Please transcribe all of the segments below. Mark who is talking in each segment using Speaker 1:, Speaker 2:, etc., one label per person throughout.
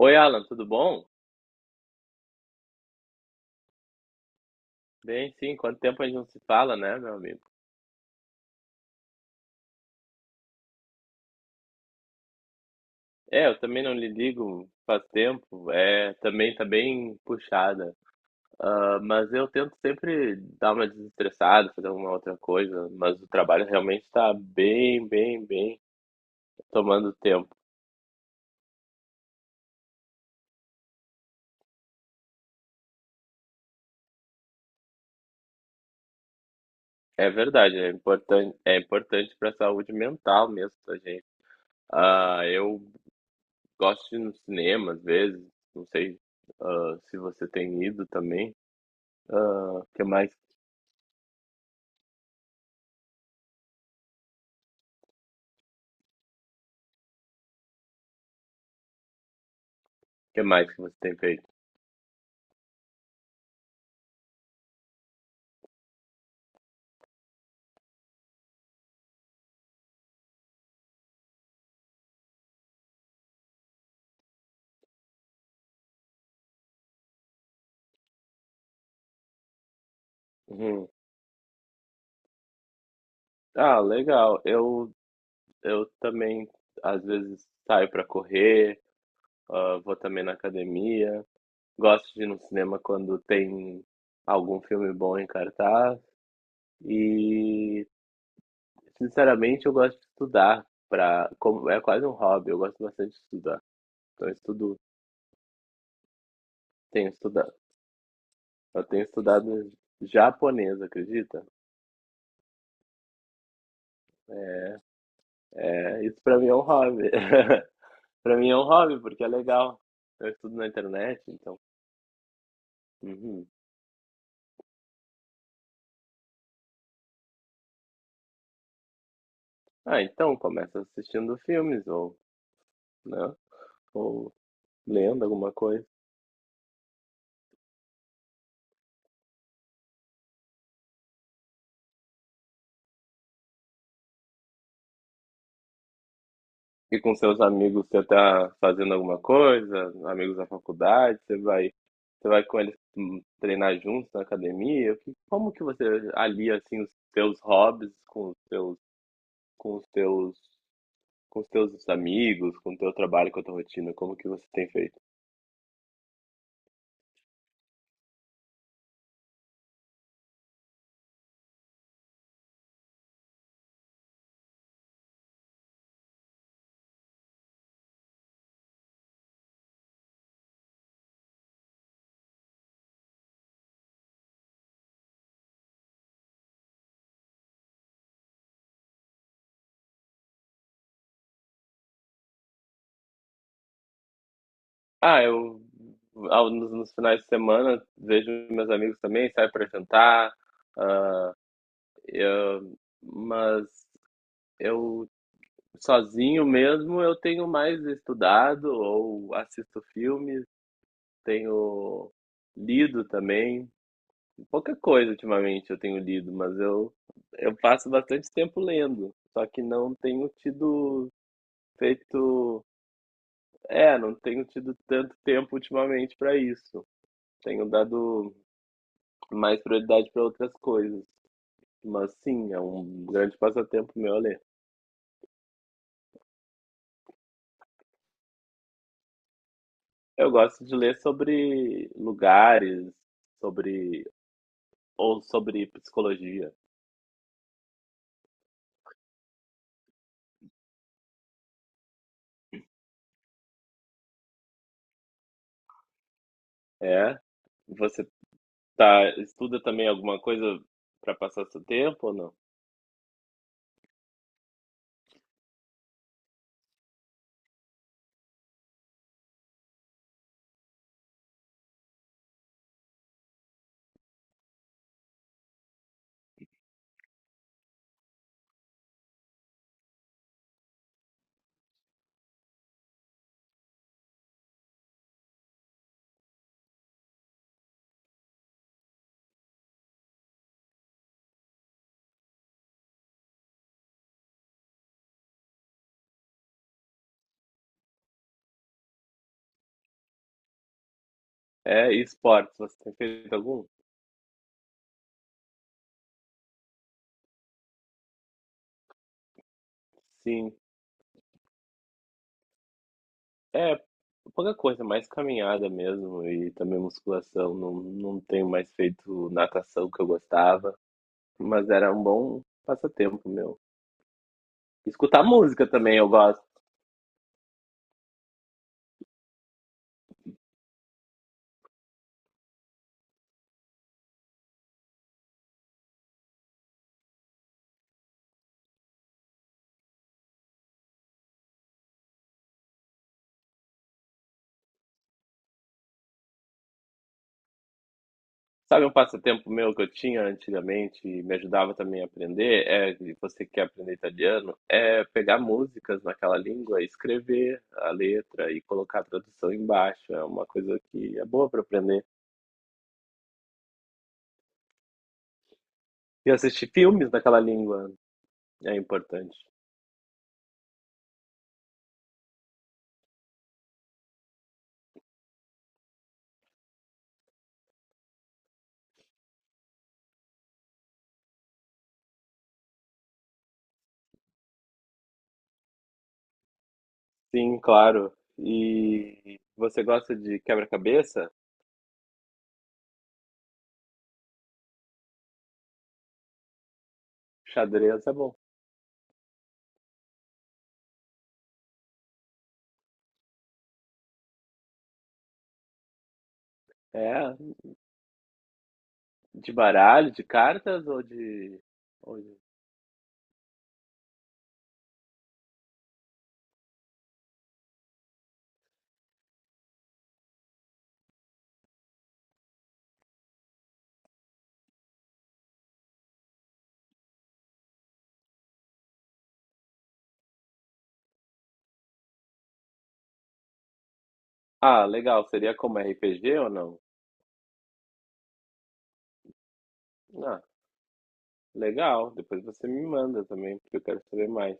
Speaker 1: Oi, Alan, tudo bom? Bem, sim, quanto tempo a gente não se fala, né, meu amigo? É, eu também não lhe ligo faz tempo, é, também tá bem puxada. Ah, mas eu tento sempre dar uma desestressada, fazer alguma outra coisa, mas o trabalho realmente tá bem tomando tempo. É verdade, é importante para a saúde mental mesmo da gente. Ah, eu gosto de ir no cinema às vezes, não sei, ah, se você tem ido também. Ah, o que mais? Que mais que você tem feito? Uhum. Ah, legal. Eu também, às vezes, saio para correr, ah, vou também na academia. Gosto de ir no cinema quando tem algum filme bom em cartaz. E, sinceramente, eu gosto de estudar. Pra, como, é quase um hobby, eu gosto bastante de estudar. Então, eu estudo, tenho estudado. Eu tenho estudado japonês, acredita? É, isso para mim é um hobby. Pra mim é um hobby, porque é legal. Eu estudo na internet, então. Uhum. Ah, então começa assistindo filmes ou, né? Ou lendo alguma coisa. E com seus amigos você tá fazendo alguma coisa, amigos da faculdade, você vai com eles treinar juntos na academia. Como que você alia assim os seus hobbies com os seus, com os teus, com os teus amigos, com o teu trabalho, com a tua rotina? Como que você tem feito? Ah, eu nos finais de semana vejo meus amigos também, saio para jantar, eu- mas eu sozinho mesmo eu tenho mais estudado ou assisto filmes, tenho lido também, pouca coisa ultimamente eu tenho lido, mas eu passo bastante tempo lendo, só que não tenho tido feito, é, não tenho tido tanto tempo ultimamente para isso. Tenho dado mais prioridade para outras coisas. Mas sim, é um grande passatempo meu ler. Eu gosto de ler sobre lugares, sobre ou sobre psicologia. É? Você tá estuda também alguma coisa para passar seu tempo ou não? É, e esportes, você tem feito algum? Sim. É, pouca coisa, mais caminhada mesmo e também musculação. Não tenho mais feito natação que eu gostava, mas era um bom passatempo meu. Escutar música também eu gosto. Sabe um passatempo meu que eu tinha antigamente e me ajudava também a aprender, é, e você que quer aprender italiano, é pegar músicas naquela língua, escrever a letra e colocar a tradução embaixo. É uma coisa que é boa para aprender. E assistir filmes naquela língua é importante. Sim, claro. E você gosta de quebra-cabeça? Xadrez é bom. É, de baralho, de cartas ou de... ou de- Ah, legal. Seria como RPG ou não? Ah, legal, depois você me manda também, porque eu quero saber mais.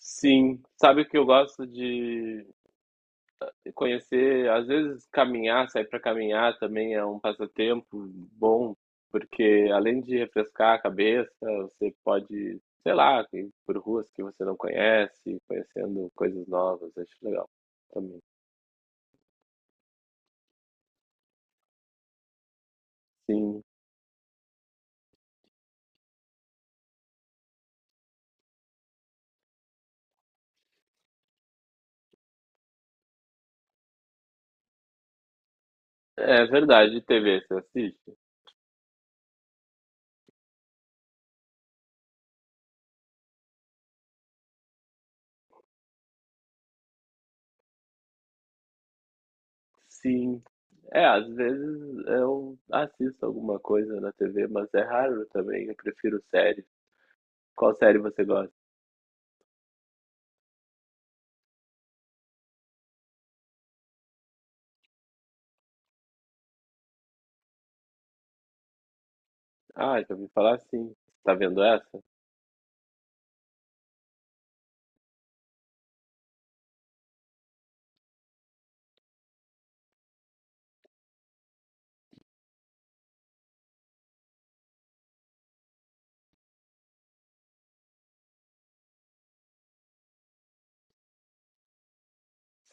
Speaker 1: Sim, sabe o que eu gosto de conhecer? Às vezes caminhar, sair para caminhar também é um passatempo bom, porque além de refrescar a cabeça, você pode, sei lá, ir por ruas que você não conhece, conhecendo coisas novas, acho legal também. Sim, é verdade, TV, você assiste? Sim. É, às vezes eu assisto alguma coisa na TV, mas é raro também. Eu prefiro série. Qual série você gosta? Ah, já ouvi falar sim. Tá vendo essa?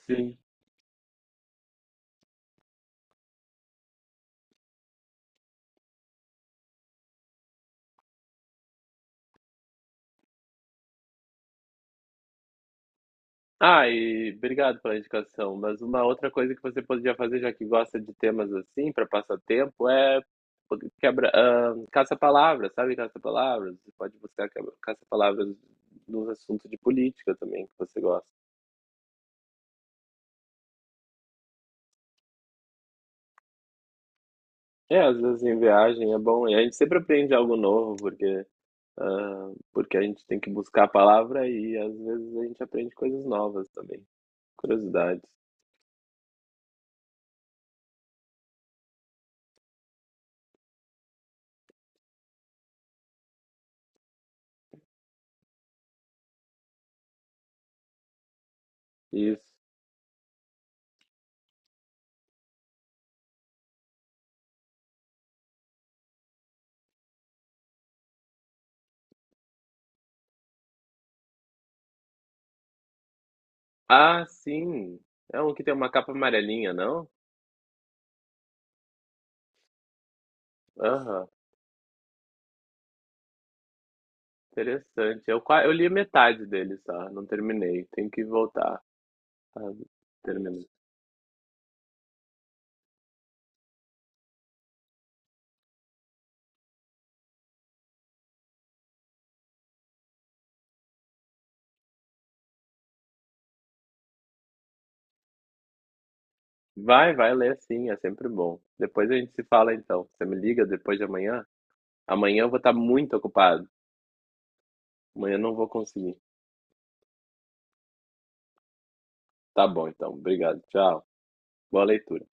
Speaker 1: Sim. Ah, e obrigado pela indicação. Mas uma outra coisa que você poderia fazer, já que gosta de temas assim, para passar tempo, é quebra, ah, caça-palavras, sabe? Caça-palavras. Você pode buscar caça-palavras nos assuntos de política também que você gosta. É, às vezes em viagem é bom, e a gente sempre aprende algo novo, porque, ah, porque a gente tem que buscar a palavra e às vezes a gente aprende coisas novas também, curiosidades. Isso. Ah, sim! É um que tem uma capa amarelinha, não? Aham, interessante. Eu, eu li metade dele só, não terminei, tenho que voltar a terminar. Vai, vai ler sim, é sempre bom. Depois a gente se fala então. Você me liga depois de amanhã? Amanhã eu vou estar muito ocupado, amanhã eu não vou conseguir. Tá bom, então. Obrigado. Tchau. Boa leitura.